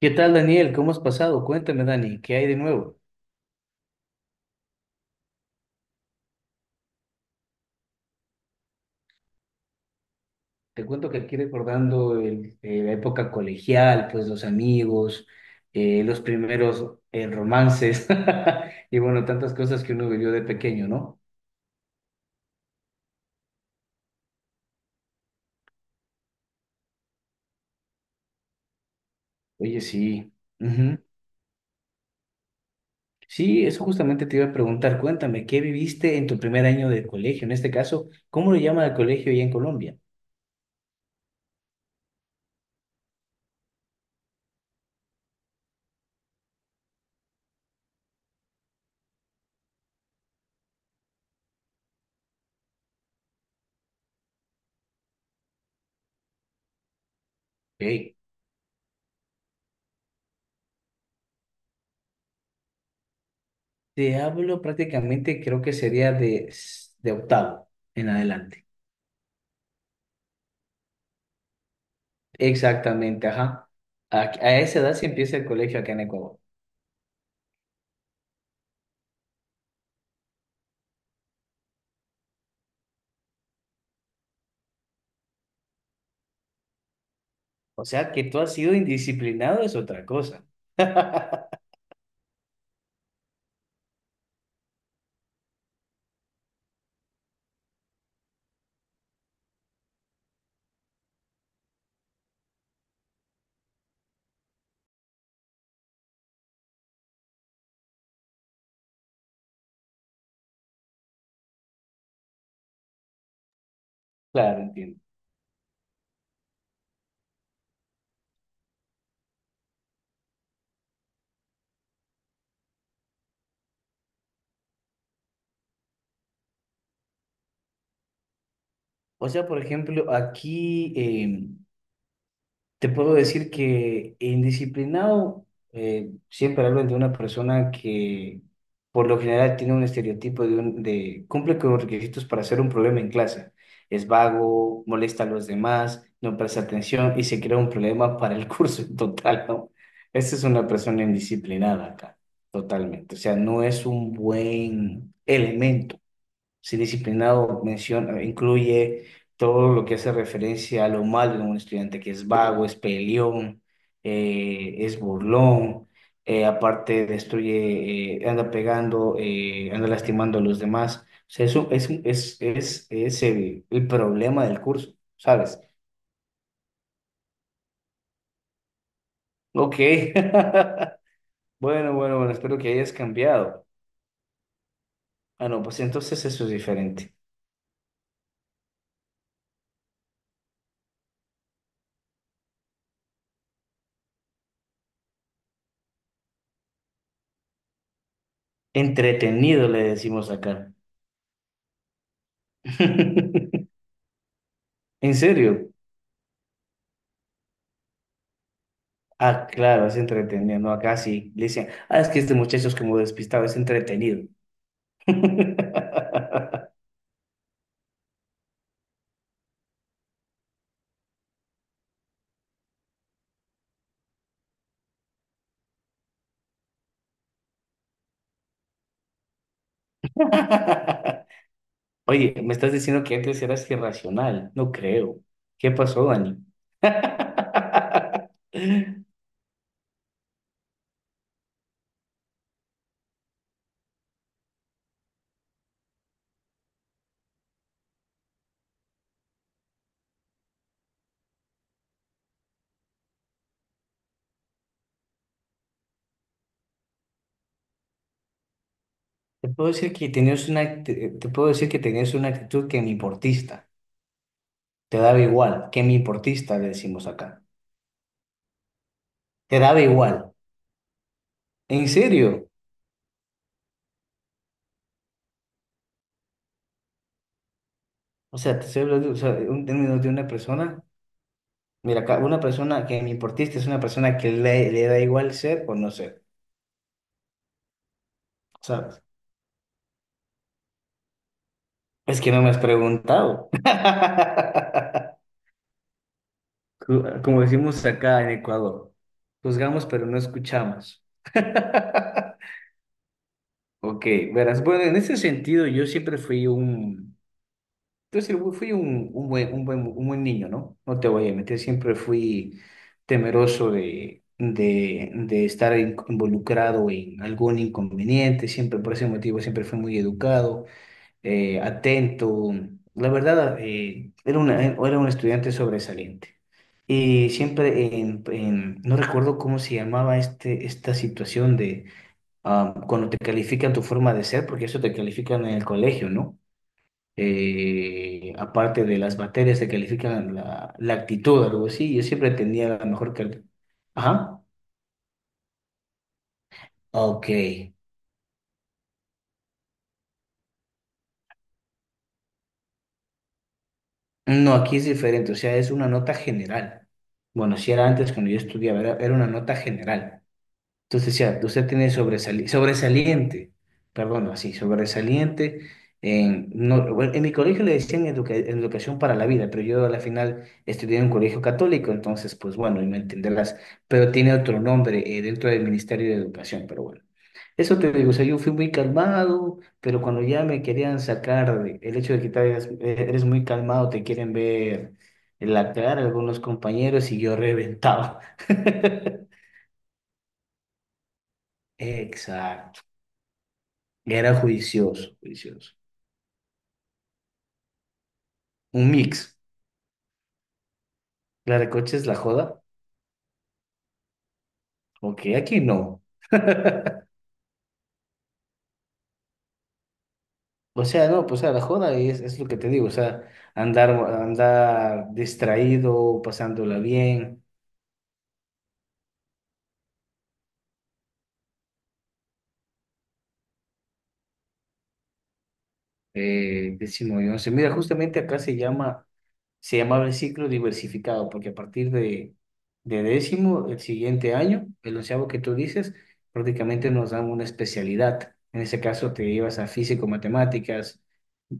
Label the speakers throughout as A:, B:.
A: ¿Qué tal, Daniel? ¿Cómo has pasado? Cuéntame, Dani, ¿qué hay de nuevo? Te cuento que aquí recordando la época colegial, pues los amigos, los primeros romances y bueno, tantas cosas que uno vivió de pequeño, ¿no? Oye, sí. Ujú. Sí, eso justamente te iba a preguntar. Cuéntame, ¿qué viviste en tu primer año de colegio? En este caso, ¿cómo le llama el colegio allá en Colombia? Ok. Te hablo prácticamente, creo que sería de octavo en adelante. Exactamente, ajá. A esa edad se empieza el colegio acá en Ecuador. O sea, que tú has sido indisciplinado es otra cosa. Claro, entiendo. O sea, por ejemplo, aquí, te puedo decir que indisciplinado, siempre hablo de una persona que por lo general tiene un estereotipo de cumple con los requisitos para ser un problema en clase. Es vago, molesta a los demás, no presta atención y se crea un problema para el curso en total, ¿no? Esa es una persona indisciplinada acá, totalmente. O sea, no es un buen elemento ser disciplinado menciona, incluye todo lo que hace referencia a lo malo de un estudiante, que es vago, es peleón, es burlón, aparte destruye, anda pegando, anda lastimando a los demás. O sea, eso es, un- es el problema del curso, ¿sabes? Ok. Bueno, bueno, bueno, espero que hayas cambiado. Ah, no, pues entonces eso es diferente. Entretenido, le decimos acá. ¿En serio? Ah, claro, es entretenido, ¿no? Acá sí le dicen, ah, es que este muchacho es como despistado, es entretenido. Oye, me estás diciendo que antes eras irracional. No creo. ¿Qué pasó, Dani? Te puedo decir que tenías una actitud que me importista. Te daba igual, que me importista, le decimos acá. Te daba igual. ¿En serio? O sea, te estoy hablando, o sea, un término de una persona. Mira, una persona que me importista es una persona que le da igual ser o no ser, ¿sabes? Es que no me has preguntado. Como decimos acá en Ecuador, juzgamos pero no escuchamos. Ok, verás, bueno, en ese sentido yo siempre fui un… Entonces fui un buen niño, ¿no? No te voy a meter. Siempre fui temeroso de estar involucrado en algún inconveniente, siempre por ese motivo siempre fui muy educado, atento. La verdad, era un estudiante sobresaliente. Y siempre, no recuerdo cómo se llamaba esta situación de cuando te califican tu forma de ser, porque eso te califican en el colegio, ¿no? Aparte de las materias que califican la actitud, algo así, yo siempre tenía la mejor calidad. Ajá, ok. No, aquí es diferente, o sea, es una nota general. Bueno, si era antes cuando yo estudiaba, era, era una nota general. Entonces, ya, usted tiene sobresaliente, perdón, así, sobresaliente no, bueno, en mi colegio le decían educación para la vida, pero yo a la final estudié en un colegio católico, entonces, pues bueno, y me entenderás, pero tiene otro nombre dentro del Ministerio de Educación, pero bueno. Eso te digo, o sea, yo fui muy calmado, pero cuando ya me querían sacar el hecho de que tal vez eres muy calmado, te quieren ver en la cara algunos compañeros y yo reventaba. Exacto. Era juicioso, juicioso. Un mix. La de coche es la joda. Ok, aquí no. O sea, no, pues o sea la joda es lo que te digo. O sea, andar, andar distraído, pasándola bien. Décimo y once. Mira, justamente acá se llamaba el ciclo diversificado, porque a partir de décimo, el siguiente año, el onceavo que tú dices, prácticamente nos dan una especialidad. En ese caso te ibas a físico, matemáticas,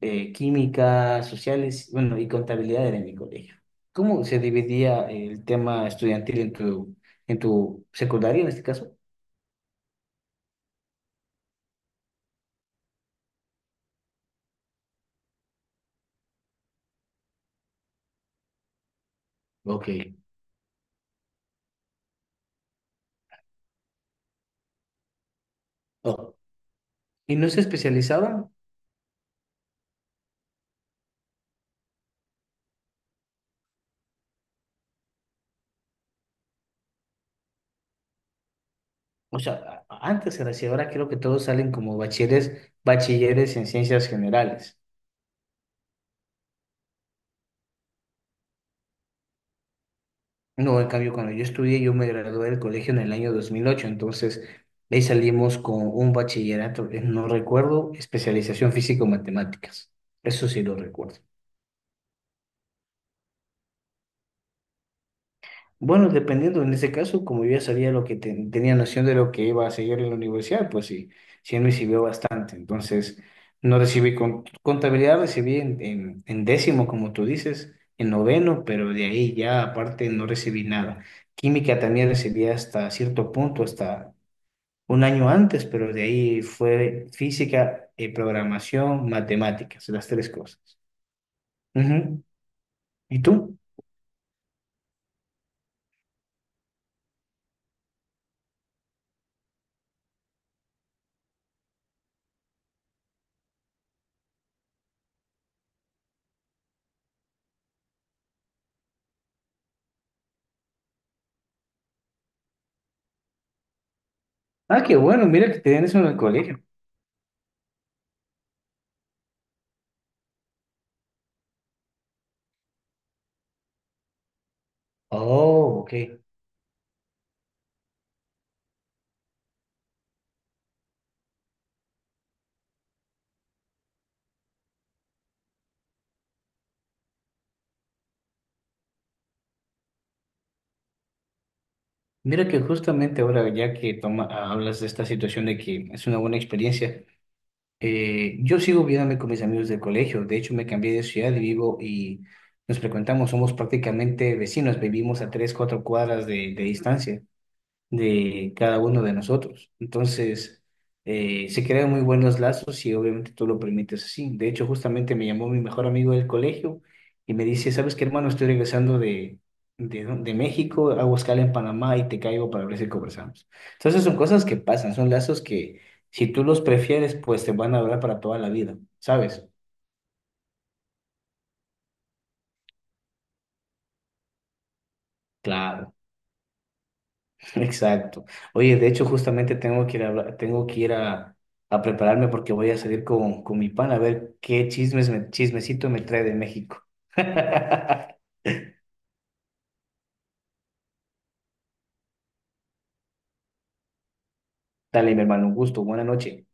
A: química, sociales, bueno, y contabilidad era en mi colegio. ¿Cómo se dividía el tema estudiantil en tu secundaria, en este caso? Ok. Oh, ¿Y no se especializaban? O sea, antes era así, ahora creo que todos salen como bachilleres, bachilleres en ciencias generales. No, en cambio, cuando yo estudié, yo me gradué del colegio en el año 2008, entonces de ahí salimos con un bachillerato, no recuerdo, especialización físico-matemáticas. Eso sí lo recuerdo. Bueno, dependiendo en ese caso, como yo ya sabía lo que tenía noción de lo que iba a seguir en la universidad, pues sí, sí me sirvió bastante. Entonces, no recibí contabilidad, recibí en décimo, como tú dices, en noveno, pero de ahí ya aparte no recibí nada. Química también recibí hasta cierto punto, hasta un año antes, pero de ahí fue física, programación, matemáticas, las tres cosas. Ujú. ¿Y tú? Ah, qué bueno, mira que te den eso en el colegio. Oh, ok. Mira que justamente ahora, ya que toma, hablas de esta situación de que es una buena experiencia, yo sigo viéndome con mis amigos del colegio. De hecho, me cambié de ciudad y vivo y nos frecuentamos, somos prácticamente vecinos, vivimos a tres, cuatro cuadras de distancia de cada uno de nosotros. Entonces, se crean muy buenos lazos y obviamente tú lo permites así. De hecho, justamente me llamó mi mejor amigo del colegio y me dice, ¿sabes qué, hermano? Estoy regresando de, ¿no?, de México, hago escala en Panamá y te caigo para ver si conversamos. Entonces, son cosas que pasan, son lazos que si tú los prefieres, pues te van a durar para toda la vida, ¿sabes? Claro. Exacto. Oye, de hecho, justamente tengo que ir a prepararme porque voy a salir con mi pan a ver qué chismecito me trae de México. Dale, mi hermano, un gusto. Buena noche.